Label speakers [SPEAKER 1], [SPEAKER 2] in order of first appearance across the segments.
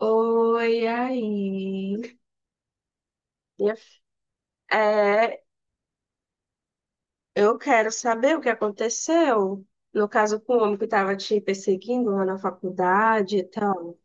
[SPEAKER 1] Oi, aí. Minha f- É, eu quero saber o que aconteceu. No caso, com o homem que estava te perseguindo lá na faculdade e tal.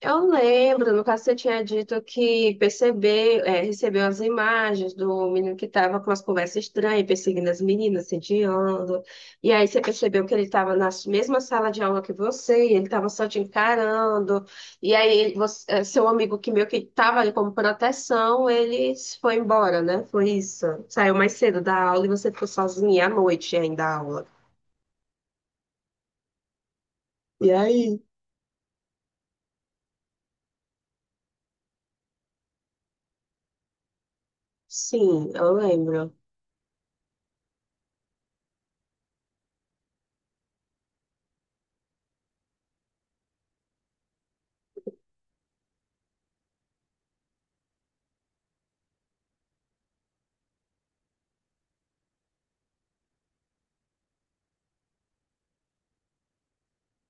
[SPEAKER 1] Eu lembro, no caso você tinha dito que percebeu, recebeu as imagens do menino que estava com as conversas estranhas, perseguindo as meninas, sediando. E aí você percebeu que ele estava na mesma sala de aula que você, e ele estava só te encarando. E aí seu amigo que meio que estava ali como proteção, ele se foi embora, né? Foi isso. Saiu mais cedo da aula e você ficou sozinha à noite ainda da aula. E aí? Sim, eu lembro.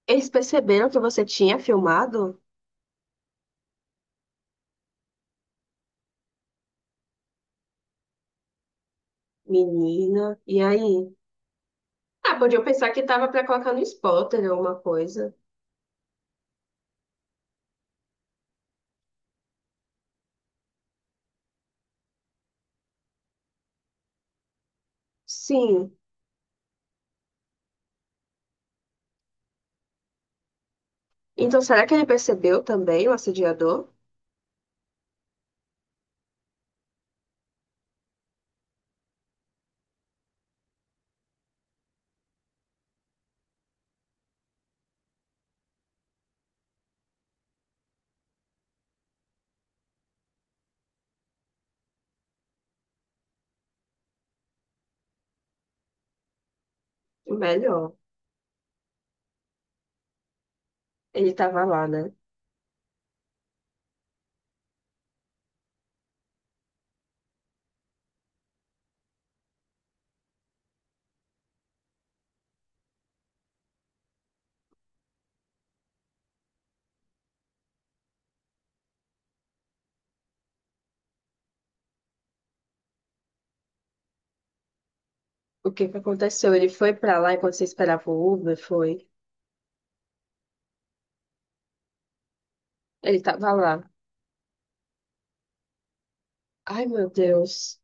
[SPEAKER 1] Eles perceberam que você tinha filmado? Menina, e aí? Ah, podia pensar que tava pra colocar no spotter ou alguma coisa. Sim. Então, será que ele percebeu também o assediador? Melhor. Ele tava lá, né? O que que aconteceu? Ele foi pra lá enquanto você esperava o Uber, foi? Ele tava lá. Ai, meu Deus.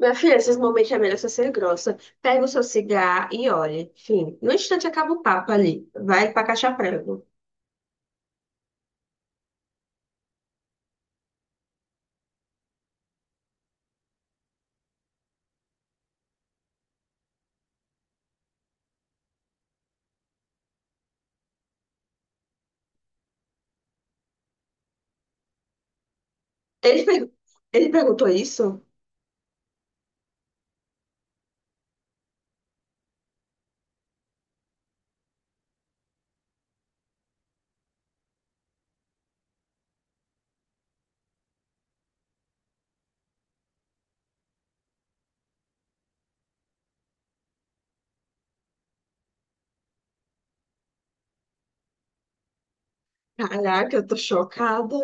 [SPEAKER 1] Minha filha, esses momentos é melhor você ser grossa. Pega o seu cigarro e olhe. Enfim, no instante acaba o papo ali. Vai pra caixa prego. Ele, per- ele perguntou isso? Caraca, eu tô chocada.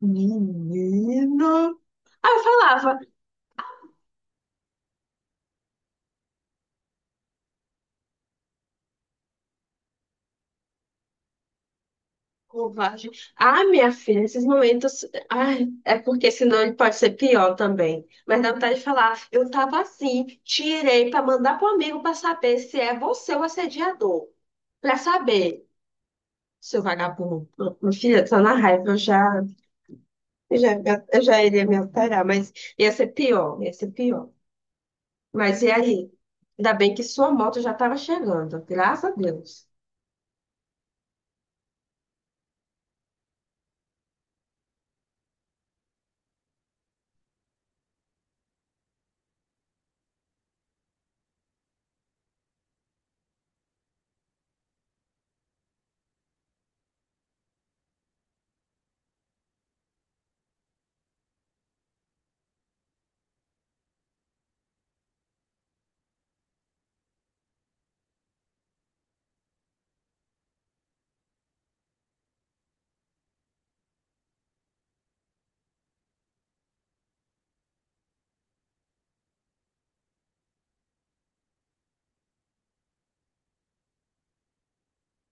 [SPEAKER 1] Menina. Ah, eu falava, covarde. Ah, minha filha, esses momentos. Ai, é porque senão ele pode ser pior também. Mas dá vontade de falar, eu tava assim, tirei pra mandar pro amigo pra saber se é você o assediador. Pra saber, seu vagabundo. Minha filha, tô na raiva, eu já, eu já iria me alterar, mas ia ser pior, ia ser pior. Mas e aí? Ainda bem que sua moto já estava chegando, graças a Deus.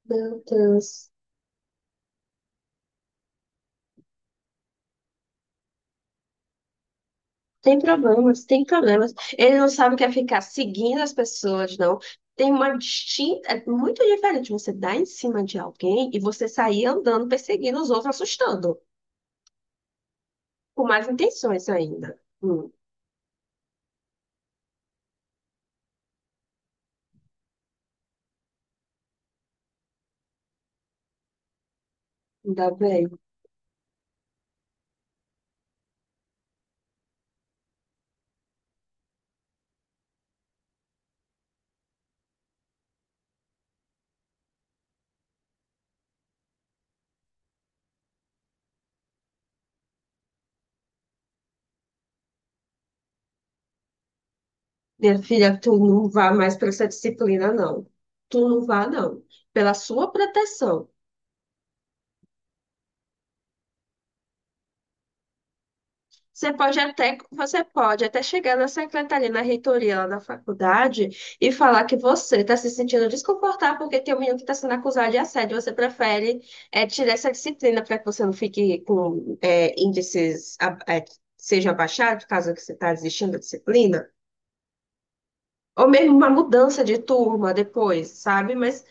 [SPEAKER 1] Meu Deus. Tem problemas, tem problemas. Ele não sabe o que é ficar seguindo as pessoas, não. Tem uma distinta. É muito diferente você dar em cima de alguém e você sair andando, perseguindo os outros, assustando. Com mais intenções ainda. Ainda bem. Minha filha, tu não vá mais para essa disciplina, não. Tu não vá, não. Pela sua proteção. Você pode até chegar na secretaria, na reitoria lá da faculdade e falar que você está se sentindo desconfortável porque tem um menino que está sendo acusado de assédio. Você prefere tirar essa disciplina para que você não fique com índices que sejam abaixados, caso que você está desistindo da disciplina. Ou mesmo uma mudança de turma depois, sabe? Mas,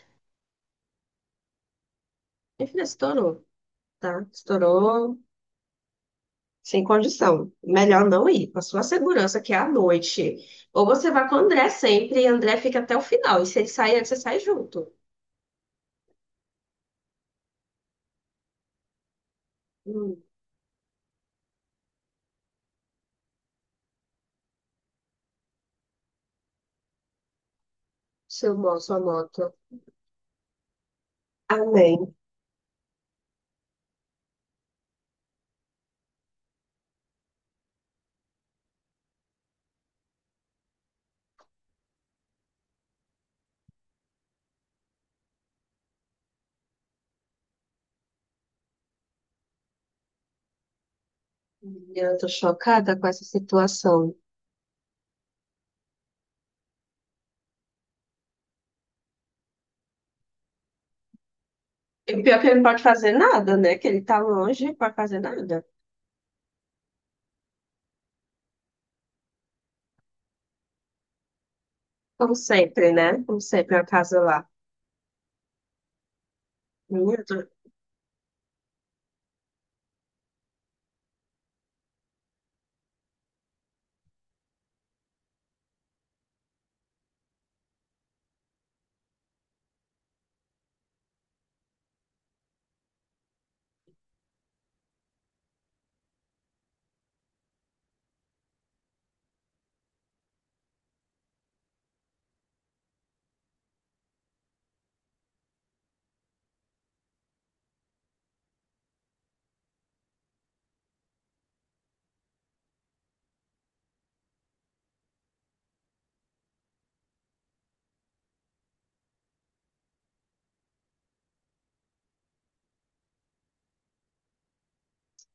[SPEAKER 1] enfim, estourou, tá? Estourou. Sem condição. Melhor não ir, com a sua segurança, que é à noite. Ou você vai com o André sempre, e André fica até o final. E se ele sair antes, você sai junto. Hum, sua moto. Amém. Menina, eu tô chocada com essa situação. E o pior é que ele não pode fazer nada, né? Que ele tá longe, não pode fazer nada. Como sempre, né? Como sempre, a casa lá. Menina, eu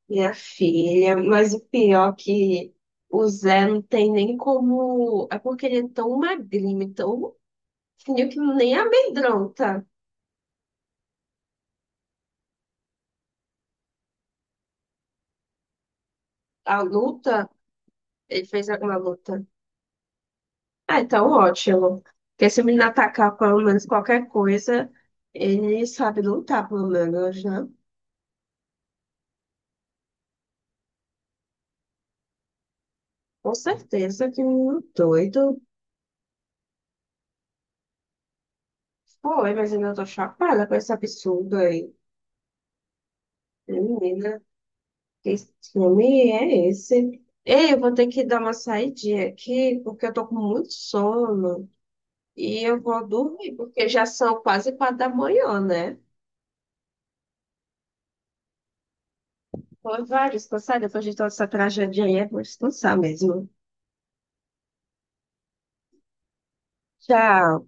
[SPEAKER 1] minha filha, mas o pior é que o Zé não tem nem como. É porque ele é tão magrinho, tão fingiu que nem amedronta a luta. Ele fez alguma luta. Ah, então ótimo. Porque se o menino atacar pelo menos qualquer coisa, ele sabe lutar, pelo menos, né? Com certeza que o menino doido foi, mas ainda tô chapada com esse absurdo aí. Menina, que filme é esse? Ei, eu vou ter que dar uma saidinha aqui, porque eu tô com muito sono. E eu vou dormir, porque já são quase 4 da manhã, né? Foi vários, cansar depois de toda essa tragédia aí, é bom descansar mesmo. Tchau.